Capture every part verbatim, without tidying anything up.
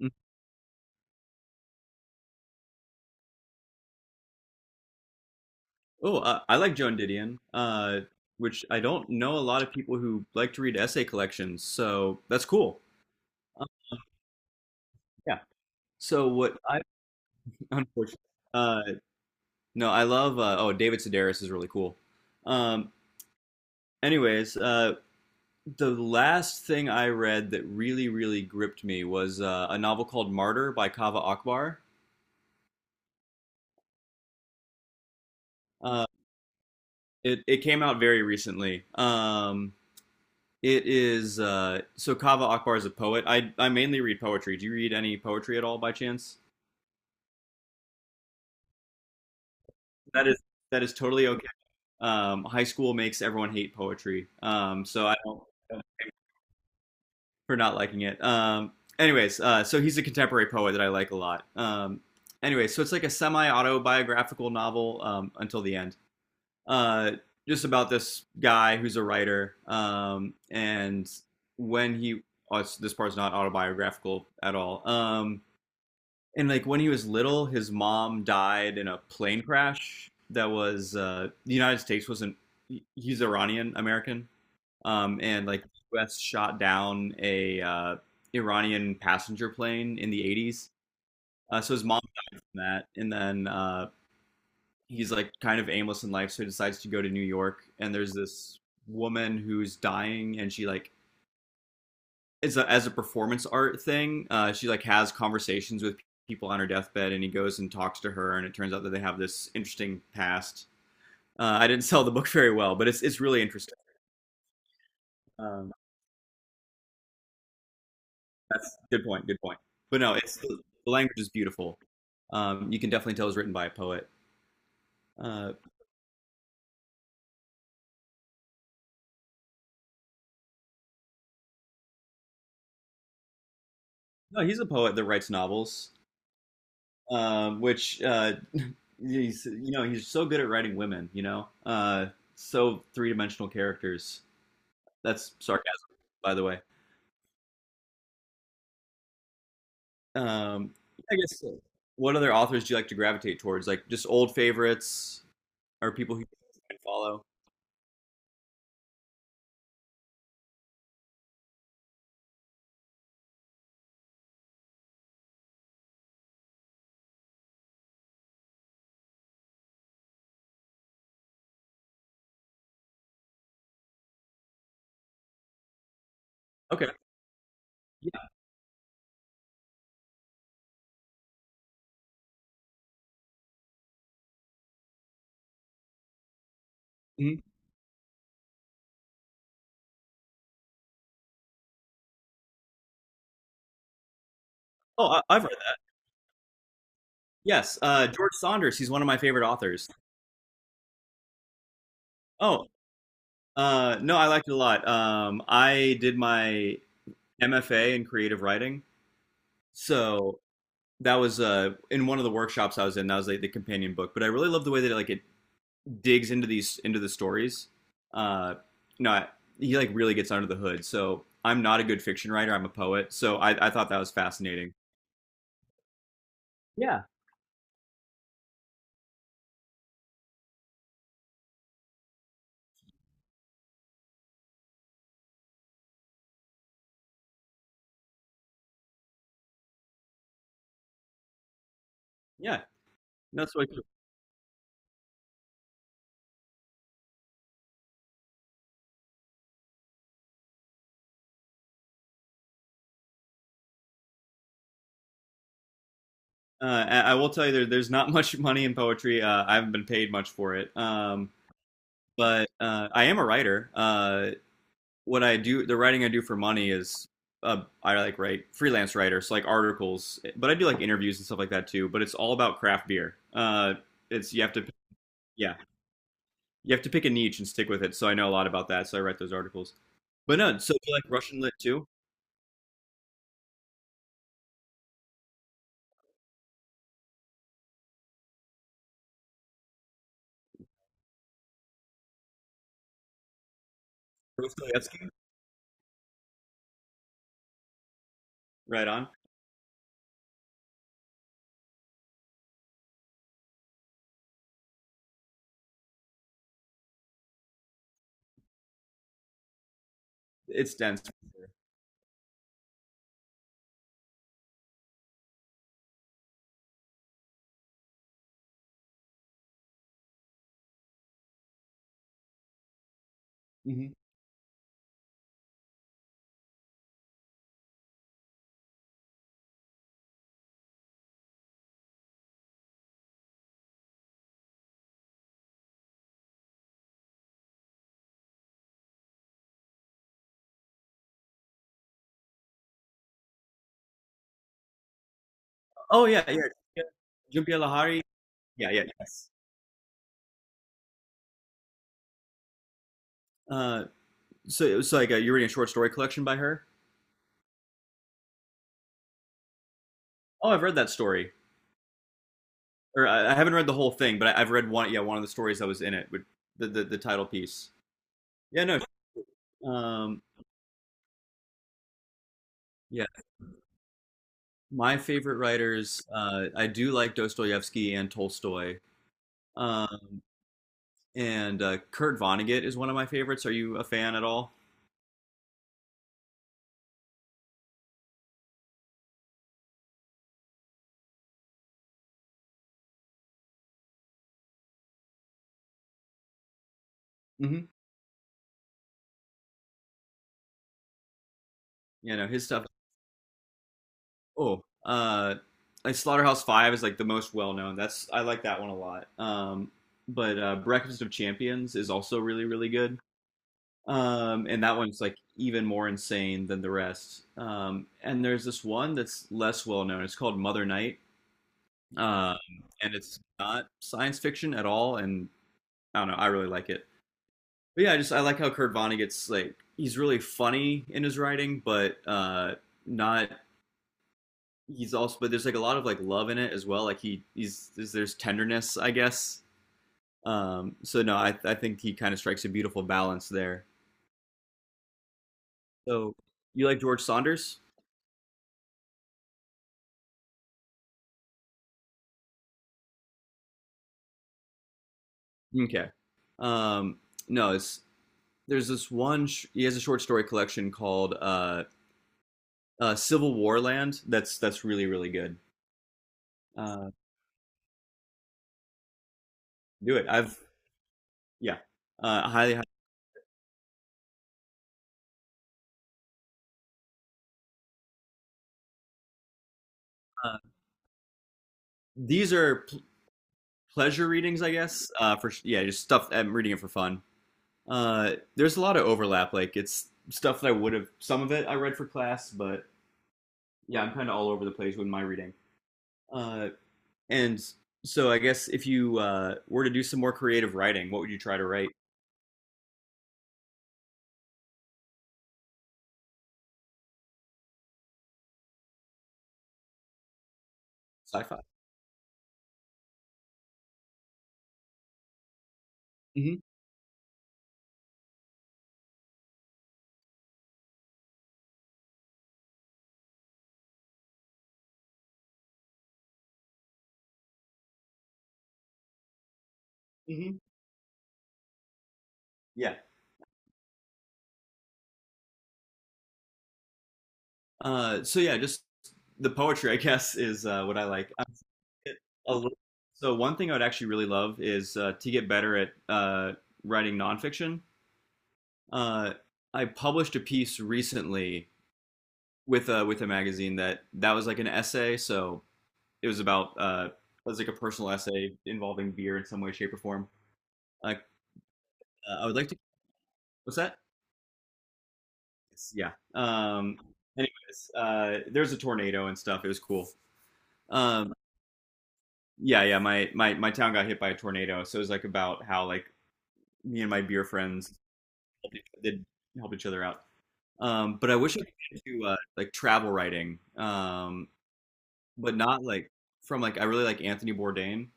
Mm. Oh, uh, I like Joan Didion, uh, which I don't know a lot of people who like to read essay collections, so that's cool. Um, yeah. So what I unfortunately uh, no, I love uh, oh, David Sedaris is really cool. Um, anyways, uh, the last thing I read that really really gripped me was uh, a novel called Martyr by Kaveh Akbar. Uh, it it came out very recently. Um, It is uh, so Kava Akbar is a poet. I I mainly read poetry. Do you read any poetry at all by chance? That is that is totally okay. Um, high school makes everyone hate poetry. Um, so I don't for not liking it. Um, anyways, uh, so he's a contemporary poet that I like a lot. Um, anyway, so it's like a semi-autobiographical novel um, until the end. Uh, just about this guy who's a writer, um, and when he oh, it's- this part's not autobiographical at all. Um, And like when he was little, his mom died in a plane crash that was uh, the United States wasn't. He's Iranian American, um, and like the U S shot down a uh, Iranian passenger plane in the eighties. Uh, so his mom died from that, and then uh, he's like kind of aimless in life, so he decides to go to New York. And there's this woman who's dying, and she like as a, as a performance art thing. Uh, she like has conversations with people on her deathbed, and he goes and talks to her, and it turns out that they have this interesting past. Uh, I didn't sell the book very well, but it's it's really interesting. Um, that's good point. Good point. But no, it's the language is beautiful. Um, you can definitely tell it's written by a poet. Uh, no, he's a poet that writes novels, um, which uh, he's you know he's so good at writing women. You know, uh, so three dimensional characters. That's sarcasm, by the way. Um, I guess uh, what other authors do you like to gravitate towards? Like just old favorites or people who you follow? Okay. Yeah. Mhm. Oh, I, I've read that. Yes. Uh, George Saunders. He's one of my favorite authors. Oh, uh, no, I liked it a lot. Um, I did my M F A in creative writing. So that was uh, in one of the workshops I was in. That was like the companion book. But I really love the way that it, like it digs into these into the stories, uh, you know, he like really gets under the hood. So I'm not a good fiction writer. I'm a poet. So I, I thought that was fascinating. Yeah, yeah, that's what. I Uh, I will tell you, there, there's not much money in poetry. Uh, I haven't been paid much for it. Um, but uh, I am a writer. Uh, what I do, the writing I do for money is uh, I like write freelance writers so like articles, but I do like interviews and stuff like that too. But it's all about craft beer. Uh, it's You have to, yeah. You have to pick a niche and stick with it. So I know a lot about that. So I write those articles. But no, so you like Russian lit too? Dostoevsky? Right on. It's dense. Mhm. Oh yeah, yeah. Jhumpa Lahiri, yeah, yeah. Yes. Uh, so it was like uh you're reading a short story collection by her. Oh, I've read that story, or I, I haven't read the whole thing, but I, I've read one. Yeah, one of the stories that was in it with the the, the title piece. Yeah, no. Um, yeah, my favorite writers. Uh, I do like Dostoevsky and Tolstoy. Um, and uh, Kurt Vonnegut is one of my favorites. Are you a fan at all? Mhm. You know his stuff. Oh, uh, like Slaughterhouse Five is like the most well known. That's I like that one a lot. Um, but uh, Breakfast of Champions is also really really good. Um, and that one's like even more insane than the rest. Um, and there's this one that's less well known. It's called Mother Night, um, and it's not science fiction at all. And I don't know. I really like it. But yeah, I just I like how Kurt Vonnegut's like he's really funny in his writing, but uh not he's also but there's like a lot of like love in it as well. Like he he's there's, there's tenderness, I guess. Um so no, I I think he kind of strikes a beautiful balance there. So you like George Saunders? Okay. Um no, it's there's this one sh- he has a short story collection called uh uh Civil War Land that's that's really really good. Uh do it. I've yeah. Uh highly highly uh, these are pleasure readings, I guess. Uh, for Yeah, just stuff. I'm reading it for fun. Uh, there's a lot of overlap. Like it's stuff that I would have. Some of it I read for class, but yeah, I'm kind of all over the place with my reading. Uh, and So I guess if you uh, were to do some more creative writing, what would you try to write? Sci-fi. Hmm. Hmm. Yeah. Uh, so yeah, just the poetry, I guess, is uh, what I like. I get a little- So one thing I would actually really love is uh, to get better at uh, writing nonfiction. uh, I published a piece recently with a with a magazine that that was like an essay. So it was about uh, it was like a personal essay involving beer in some way, shape, or form. Like uh, I would like to. What's that? It's- yeah. Um. Anyways, uh, there's a tornado and stuff. It was cool. Um. Yeah, yeah. My my my town got hit by a tornado, so it was like about how like me and my beer friends did help each other out. Um. But I wish I could get to uh, like travel writing. Um. But not like from like I really like Anthony Bourdain.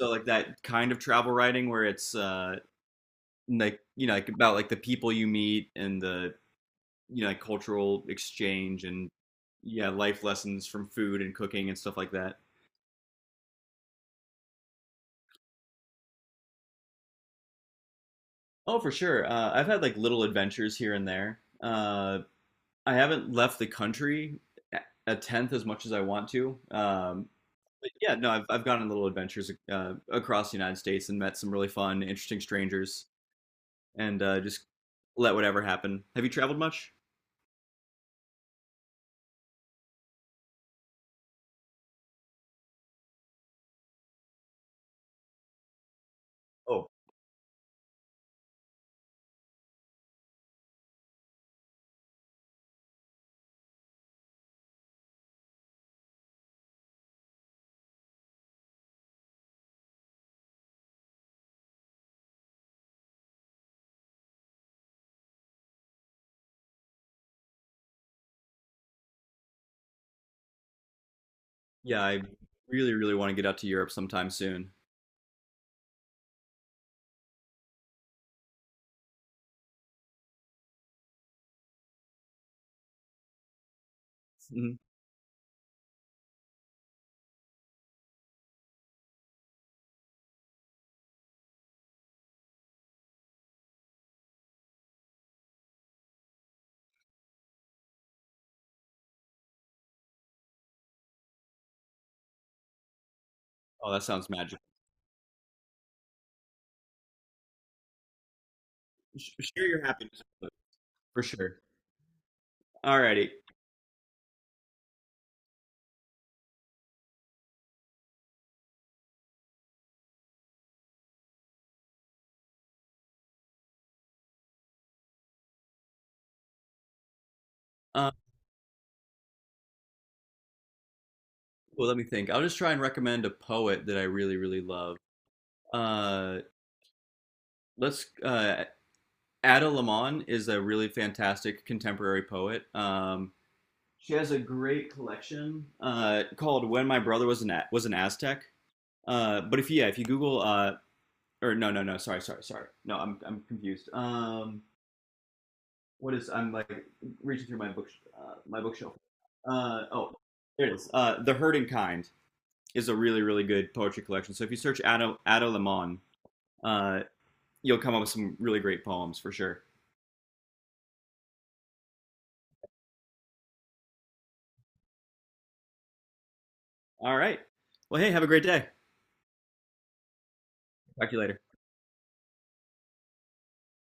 So like that kind of travel writing where it's uh like you know like about like the people you meet and the you know, like cultural exchange and yeah, life lessons from food and cooking and stuff like that. Oh, for sure. Uh, I've had like little adventures here and there. Uh, I haven't left the country a a tenth as much as I want to. Um, but yeah, no, I've I've gone on little adventures uh, across the United States and met some really fun, interesting strangers. and uh, just let whatever happen. Have you traveled much? Oh, yeah, I really, really want to get out to Europe sometime soon. Mhm. Oh, that sounds magical. Sh- Share your happiness with us, for sure. Alrighty. Um, well, let me think. I'll just try and recommend a poet that I really, really love. Uh, let's. Uh, Ada Limon is a really fantastic contemporary poet. Um, she has a great collection uh, called "When My Brother Was an a- Was an Aztec." Uh, but if Yeah, if you Google uh, or no, no, no. Sorry, sorry, sorry. No, I'm I'm confused. Um, what is? I'm like reaching through my book uh, my bookshelf. Uh, oh, there it is. Uh, The Herding Kind is a really really good poetry collection. So if you search Ado Ado Lemon, uh, you'll come up with some really great poems for sure. All right. Well, hey, have a great day. Talk to you later.